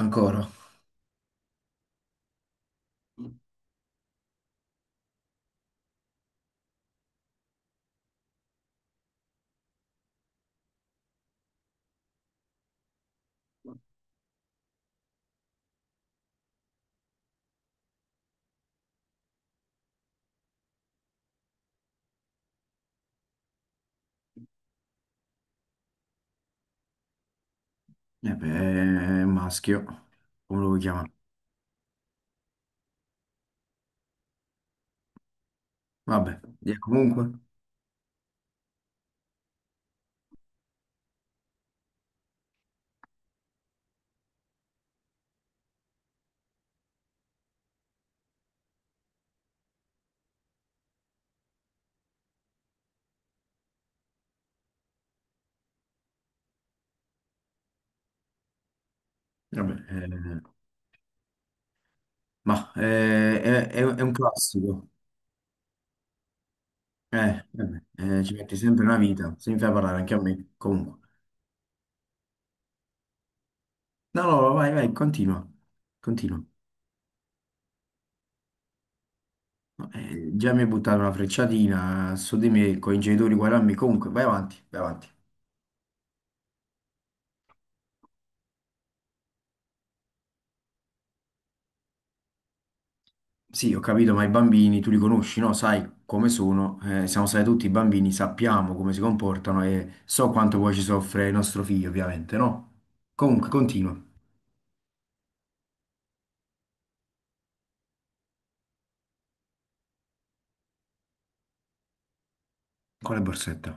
Ancora? Eh beh, è un maschio, come lo vuoi chiamare? Vabbè, comunque, vabbè, ma è, è un classico. Eh, vabbè, ci metti sempre una vita, se mi fai parlare anche a me, comunque. No, no, no, vai, vai, continua, continua. No, già mi hai buttato una frecciatina su di me, con i genitori uguali a me, comunque, vai avanti, vai avanti. Sì, ho capito, ma i bambini tu li conosci, no? Sai come sono, siamo stati tutti bambini, sappiamo come si comportano e so quanto poi ci soffre il nostro figlio, ovviamente, no? Comunque, continua con le borsette.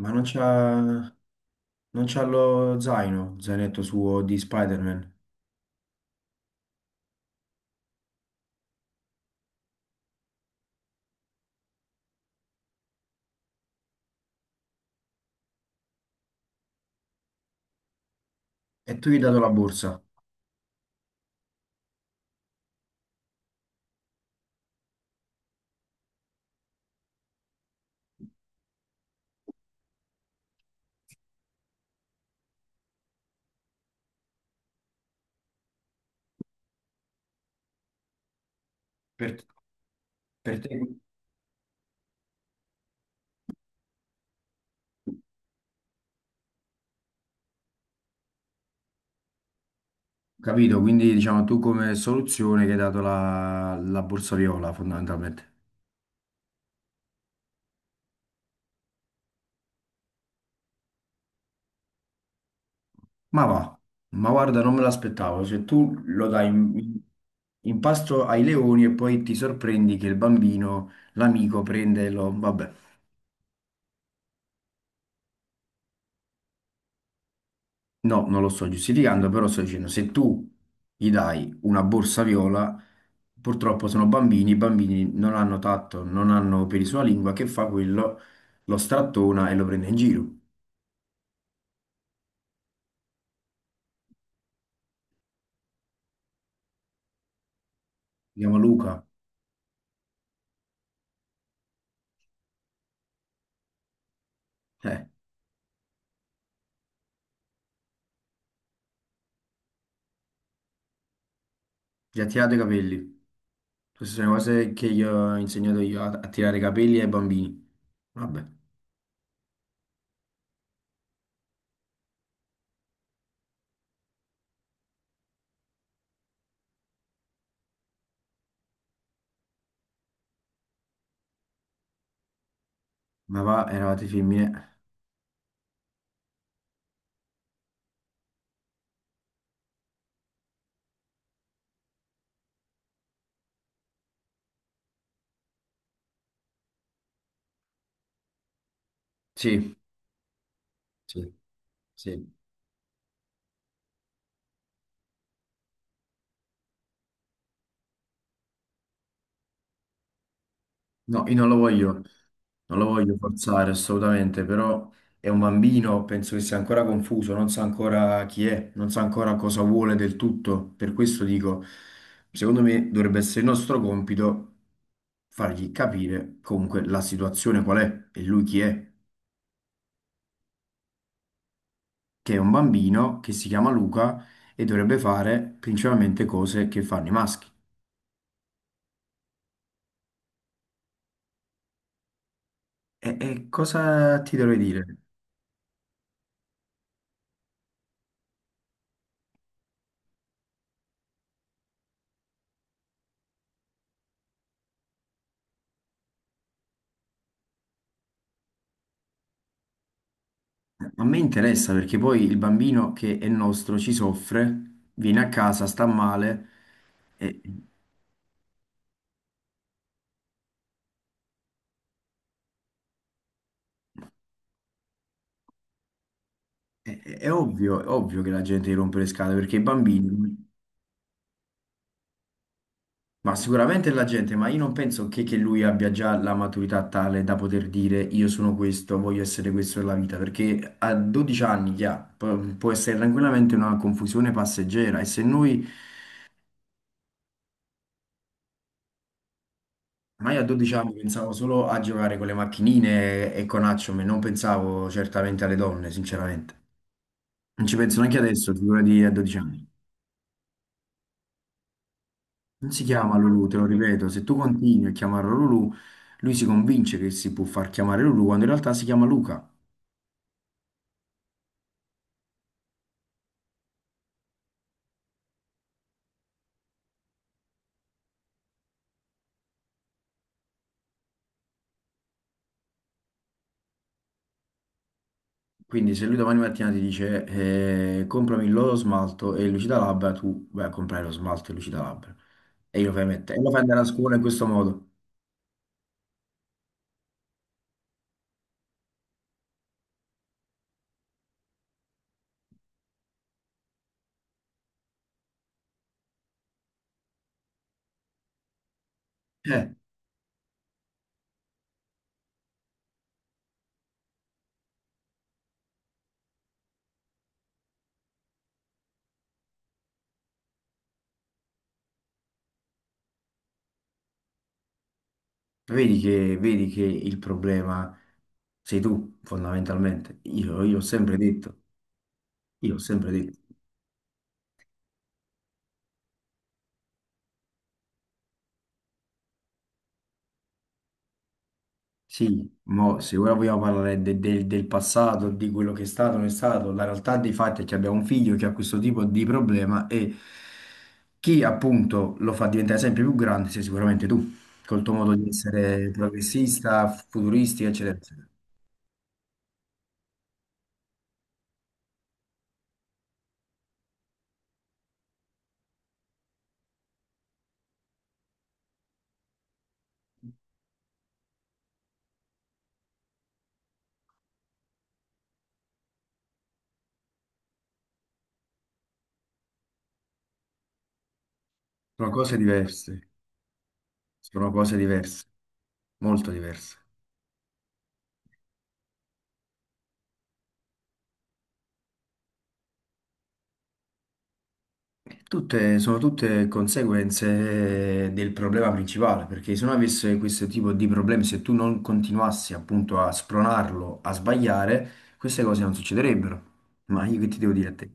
Ma non c'ha lo zaino, zainetto suo di Spider-Man. E tu gli hai dato la borsa. Per, per te, capito? Quindi, diciamo, tu come soluzione che hai dato la borsa viola, fondamentalmente. Ma va, ma guarda, non me l'aspettavo. Cioè, tu lo dai in pasto ai leoni e poi ti sorprendi che il bambino, l'amico, prende e lo... Vabbè, no, non lo sto giustificando, però sto dicendo, se tu gli dai una borsa viola, purtroppo sono bambini, i bambini non hanno tatto, non hanno peli sulla lingua, che fa quello, lo strattona e lo prende in giro. Si chiama Luca. Eh. Ti ha tirato i capelli. Queste sono le cose che gli ho insegnato io a tirare i capelli ai bambini. Vabbè, ma va, eravate femmine. Sì, sì, sì. No, io non lo voglio, non lo voglio forzare assolutamente, però è un bambino, penso che sia ancora confuso, non sa ancora chi è, non sa ancora cosa vuole del tutto. Per questo dico, secondo me dovrebbe essere il nostro compito fargli capire comunque la situazione qual è e lui chi è. Che è un bambino che si chiama Luca e dovrebbe fare principalmente cose che fanno i maschi. E cosa ti dovrei dire? A me interessa perché poi il bambino che è nostro ci soffre, viene a casa, sta male. e- È ovvio, è ovvio che la gente gli rompe le scatole perché i bambini... Ma sicuramente la gente, ma io non penso che lui abbia già la maturità tale da poter dire io sono questo, voglio essere questo nella vita, perché a 12 anni che ha, può essere tranquillamente una confusione passeggera e se noi, ma io a 12 anni pensavo solo a giocare con le macchinine e con Action, non pensavo certamente alle donne, sinceramente. Non ci penso neanche adesso, figurati a 12 anni. Non si chiama Lulu, te lo ripeto, se tu continui a chiamarlo Lulu, lui si convince che si può far chiamare Lulu quando in realtà si chiama Luca. Quindi se lui domani mattina ti dice comprami lo smalto e il lucida labbra, tu vai a comprare lo smalto e il lucida labbra e glielo fai mettere. E lo fai andare a scuola in questo modo. Eh, vedi che il problema sei tu, fondamentalmente. Io ho sempre detto, io ho sempre detto. Sì, mo, se ora vogliamo parlare del passato, di quello che è stato, non è stato, la realtà dei fatti è che abbiamo un figlio che ha questo tipo di problema e chi appunto lo fa diventare sempre più grande sei sicuramente tu, col tuo modo di essere progressista, futuristi, eccetera, eccetera. Sono cose diverse, sono cose diverse, molto diverse. Tutte, sono tutte conseguenze del problema principale, perché se non avesse questo tipo di problemi, se tu non continuassi appunto a spronarlo, a sbagliare, queste cose non succederebbero. Ma io che ti devo dire a te?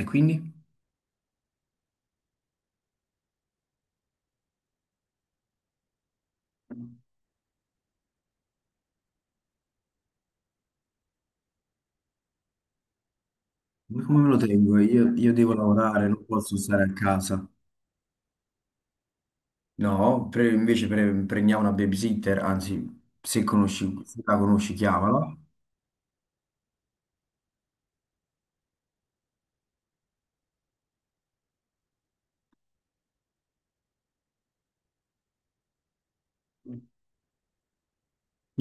E quindi? Ma come me lo tengo? Io devo lavorare, non posso stare a casa. No, prendiamo una babysitter, anzi, se la conosci, chiamala.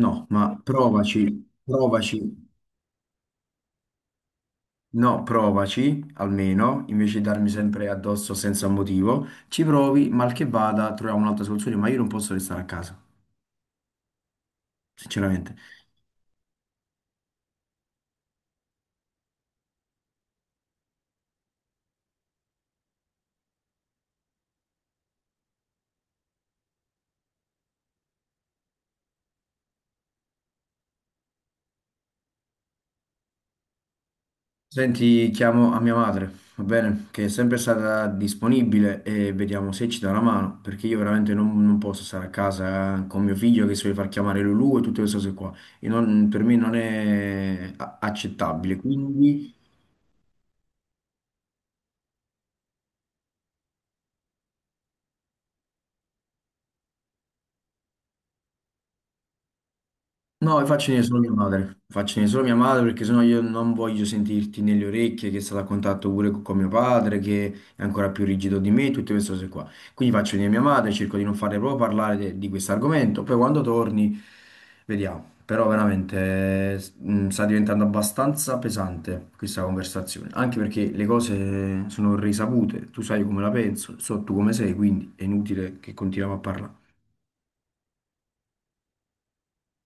No, ma provaci, provaci. No, provaci almeno, invece di darmi sempre addosso senza motivo, ci provi, mal che vada, troviamo un'altra soluzione, ma io non posso restare a casa, sinceramente. Senti, chiamo a mia madre, va bene? Che è sempre stata disponibile e vediamo se ci dà una mano, perché io veramente non posso stare a casa con mio figlio che si vuole far chiamare Lulu e tutte queste cose qua. E per me non è accettabile, quindi no, faccio venire solo mia madre, faccio venire solo mia madre perché sennò io non voglio sentirti nelle orecchie che è stato a contatto pure con mio padre, che è ancora più rigido di me, tutte queste cose qua. Quindi faccio venire mia madre, cerco di non farle proprio parlare di questo argomento, poi quando torni vediamo. Però veramente sta diventando abbastanza pesante questa conversazione, anche perché le cose sono risapute, tu sai come la penso, so tu come sei, quindi è inutile che continuiamo a parlare.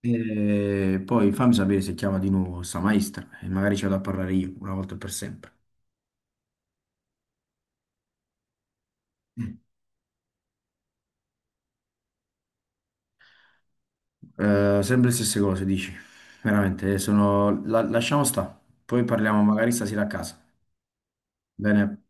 E poi fammi sapere se chiama di nuovo sta maestra e magari ci vado a parlare io una volta e per sempre. Sempre le stesse cose, dici. Veramente, sono... lasciamo sta. Poi parliamo magari stasera a casa. Bene.